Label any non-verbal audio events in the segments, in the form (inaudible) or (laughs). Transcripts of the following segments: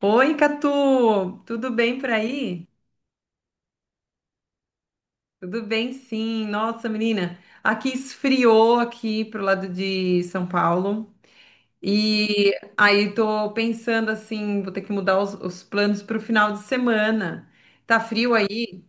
Oi, Catu! Tudo bem por aí? Tudo bem, sim. Nossa, menina, aqui esfriou aqui pro lado de São Paulo. E aí tô pensando assim, vou ter que mudar os planos pro final de semana. Tá frio aí?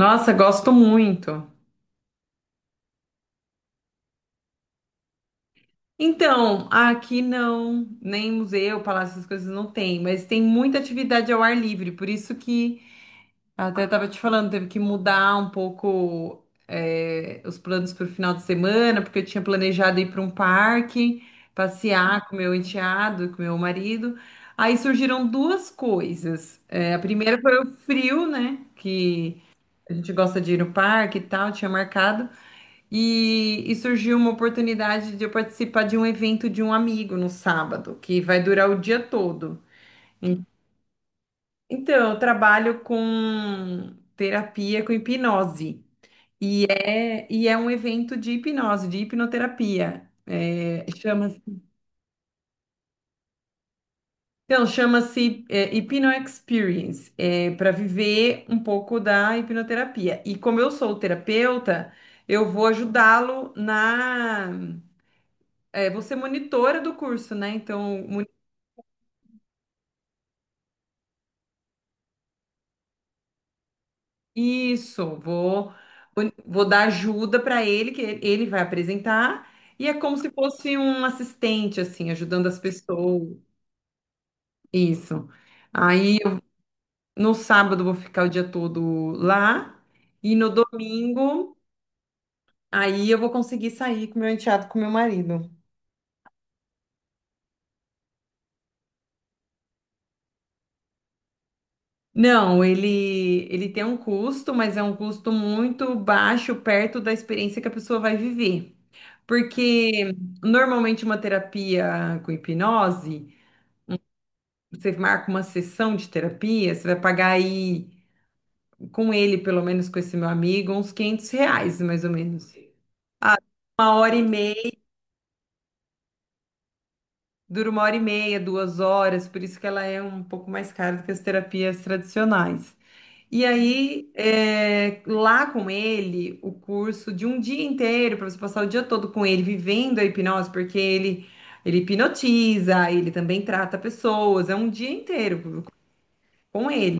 Nossa, gosto muito. Então, aqui não, nem museu, palácio, essas coisas não tem, mas tem muita atividade ao ar livre, por isso que até tava te falando, teve que mudar um pouco os planos para o final de semana, porque eu tinha planejado ir para um parque, passear com meu enteado, com meu marido. Aí surgiram duas coisas. É, a primeira foi o frio, né? Que a gente gosta de ir no parque e tal, tinha marcado. E surgiu uma oportunidade de eu participar de um evento de um amigo no sábado, que vai durar o dia todo. Então, eu trabalho com terapia com hipnose. E é um evento de hipnose, de hipnoterapia. É, chama-se Hypno Experience, para viver um pouco da hipnoterapia. E como eu sou terapeuta, eu vou ajudá-lo na. É, vou ser monitora do curso, né? Então, isso, vou dar ajuda para ele, que ele vai apresentar. E é como se fosse um assistente, assim, ajudando as pessoas. Isso. Aí, no sábado vou ficar o dia todo lá e no domingo aí eu vou conseguir sair com meu enteado, com meu marido. Não, ele tem um custo, mas é um custo muito baixo perto da experiência que a pessoa vai viver. Porque normalmente uma terapia com hipnose, você marca uma sessão de terapia, você vai pagar aí com ele, pelo menos com esse meu amigo, uns R$ 500, mais ou menos. Uma hora e meia Dura uma hora e meia, 2 horas, por isso que ela é um pouco mais cara do que as terapias tradicionais. E aí, lá com ele, o curso de um dia inteiro, para você passar o dia todo com ele, vivendo a hipnose, porque ele hipnotiza, ele também trata pessoas, é um dia inteiro com ele.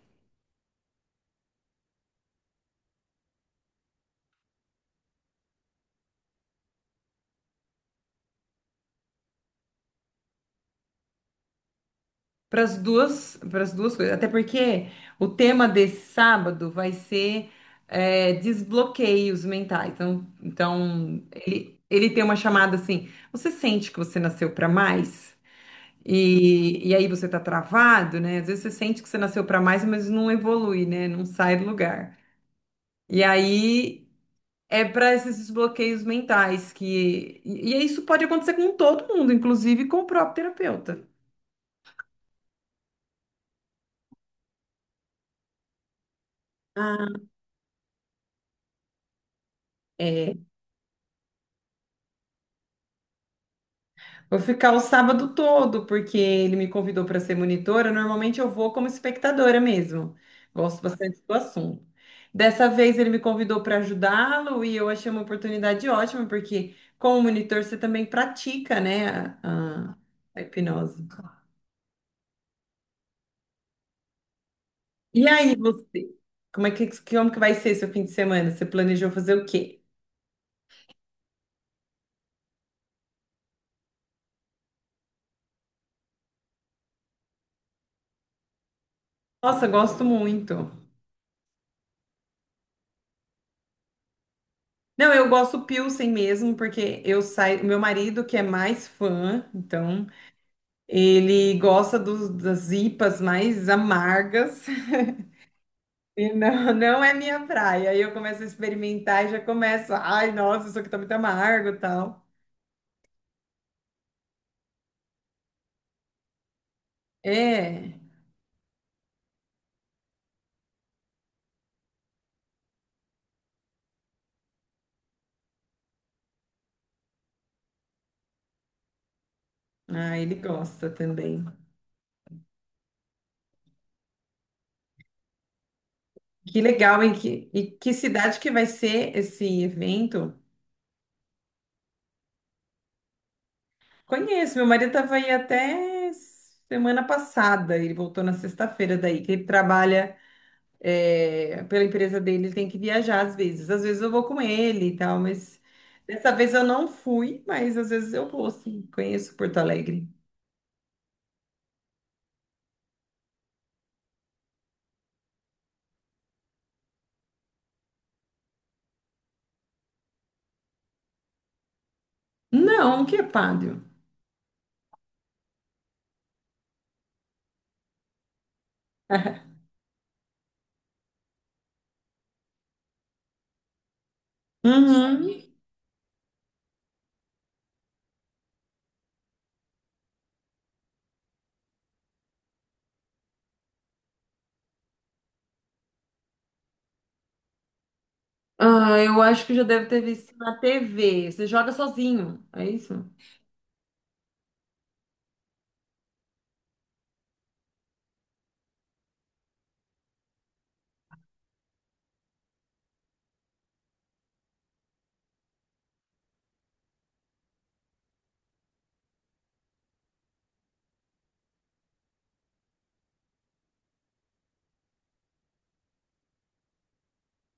Para as duas coisas. Até porque o tema desse sábado vai ser desbloqueios mentais. Então ele tem uma chamada assim: você sente que você nasceu para mais? E aí você tá travado, né? Às vezes você sente que você nasceu para mais, mas não evolui, né? Não sai do lugar. E aí é para esses desbloqueios mentais que. E isso pode acontecer com todo mundo, inclusive com o próprio terapeuta. Ah, vou ficar o sábado todo, porque ele me convidou para ser monitora. Normalmente eu vou como espectadora mesmo. Gosto bastante do assunto. Dessa vez ele me convidou para ajudá-lo e eu achei uma oportunidade ótima, porque como monitor você também pratica, né, a hipnose. E aí, você? Como é que, como que vai ser seu fim de semana? Você planejou fazer o quê? Nossa, gosto muito. Não, eu gosto Pilsen mesmo, porque eu saio. Meu marido, que é mais fã, então. Ele gosta das IPAs mais amargas (laughs) e não, não é minha praia. Aí eu começo a experimentar e já começo, ai, nossa, isso aqui tá muito amargo e tal. É, ah, ele gosta também. Que legal, e que cidade que vai ser esse evento? Conheço, meu marido estava aí até semana passada, ele voltou na sexta-feira daí, que ele trabalha pela empresa dele, ele tem que viajar às vezes. Às vezes eu vou com ele e tal, mas dessa vez eu não fui, mas às vezes eu vou, sim. Conheço Porto Alegre. Não, que é pádel. (laughs) Uhum. Ah, eu acho que já deve ter visto na TV. Você joga sozinho, é isso? Eu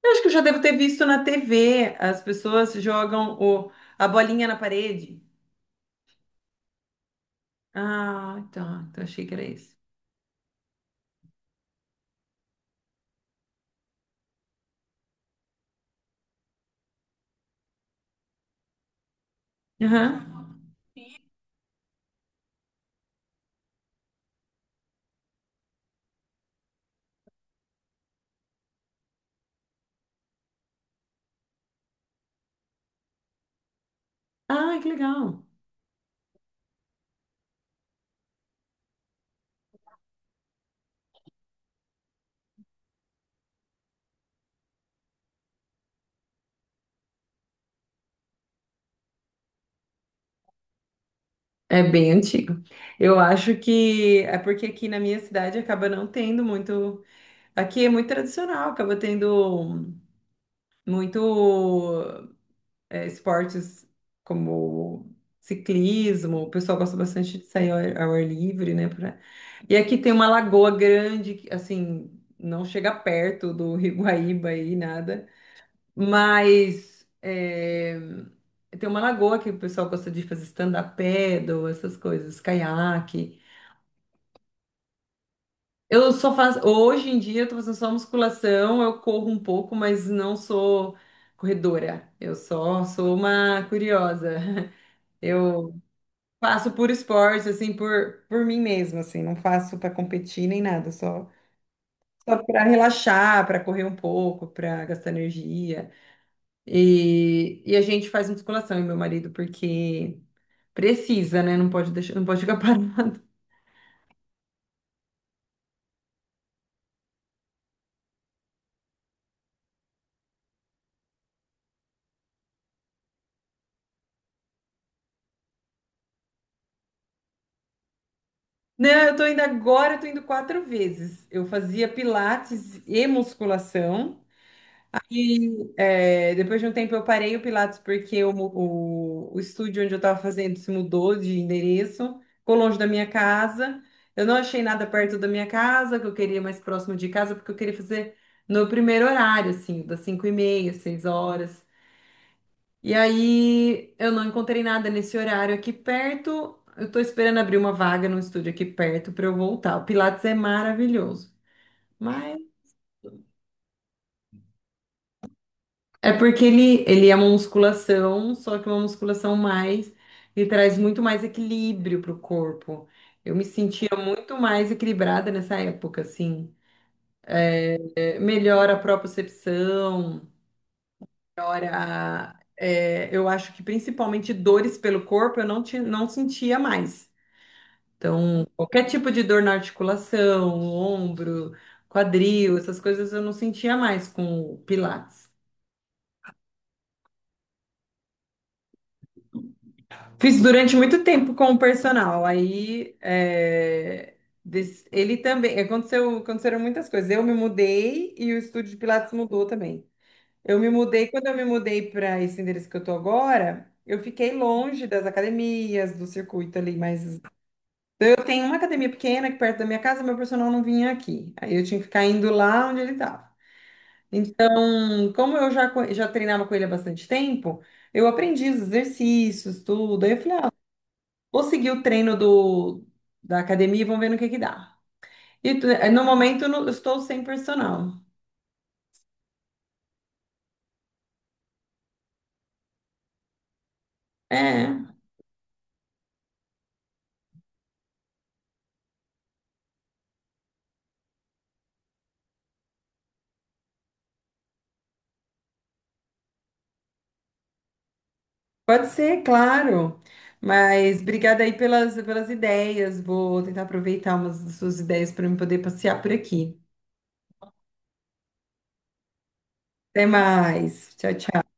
acho que eu já devo ter visto na TV. As pessoas jogam a bolinha na parede. Ah, tá. Então achei que era isso. Aham. Ah, que legal. É bem antigo. Eu acho que é porque aqui na minha cidade acaba não tendo muito. Aqui é muito tradicional, acaba tendo muito esportes como ciclismo. O pessoal gosta bastante de sair ao ar livre, né? E aqui tem uma lagoa grande, que, assim, não chega perto do (laughs) Rio Iguaíba e nada, mas tem uma lagoa que o pessoal gosta de fazer stand-up paddle, essas coisas, caiaque. Eu só faço. Hoje em dia eu tô fazendo só musculação, eu corro um pouco, mas não sou corredora. Eu só sou uma curiosa. (laughs) Eu faço por esporte, assim, por mim mesma, assim, não faço para competir nem nada, só para relaxar, para correr um pouco, para gastar energia. E a gente faz musculação, eu e meu marido, porque precisa, né? Não pode deixar, não pode ficar (laughs) parado. Não, eu tô indo agora, eu tô indo quatro vezes. Eu fazia pilates e musculação. E depois de um tempo eu parei o pilates porque o estúdio onde eu estava fazendo se mudou de endereço, ficou longe da minha casa. Eu não achei nada perto da minha casa, que eu queria mais próximo de casa, porque eu queria fazer no primeiro horário, assim, das 5h30, 6h. E aí eu não encontrei nada nesse horário aqui perto. Eu tô esperando abrir uma vaga no estúdio aqui perto para eu voltar. O Pilates é maravilhoso, mas é porque ele é uma musculação, só que uma musculação mais, ele traz muito mais equilíbrio pro corpo. Eu me sentia muito mais equilibrada nessa época, assim. É, melhora a propriocepção, melhora, eu acho que principalmente dores pelo corpo eu não, tinha, não sentia mais. Então, qualquer tipo de dor na articulação, ombro, quadril, essas coisas eu não sentia mais com o Pilates. Fiz durante muito tempo com o personal, aí ele também, aconteceram muitas coisas. Eu me mudei e o estúdio de Pilates mudou também. Quando eu me mudei para esse endereço que eu tô agora, eu fiquei longe das academias, do circuito ali, mas eu tenho uma academia pequena aqui perto da minha casa, meu personal não vinha aqui. Aí eu tinha que ficar indo lá onde ele estava. Então, como eu já treinava com ele há bastante tempo, eu aprendi os exercícios, tudo. Aí eu falei, ah, vou seguir o treino da academia e vamos ver no que dá. No momento eu estou sem personal. É, pode ser, claro. Mas obrigada aí pelas ideias. Vou tentar aproveitar umas das suas ideias para eu poder passear por aqui. Até mais. Tchau, tchau.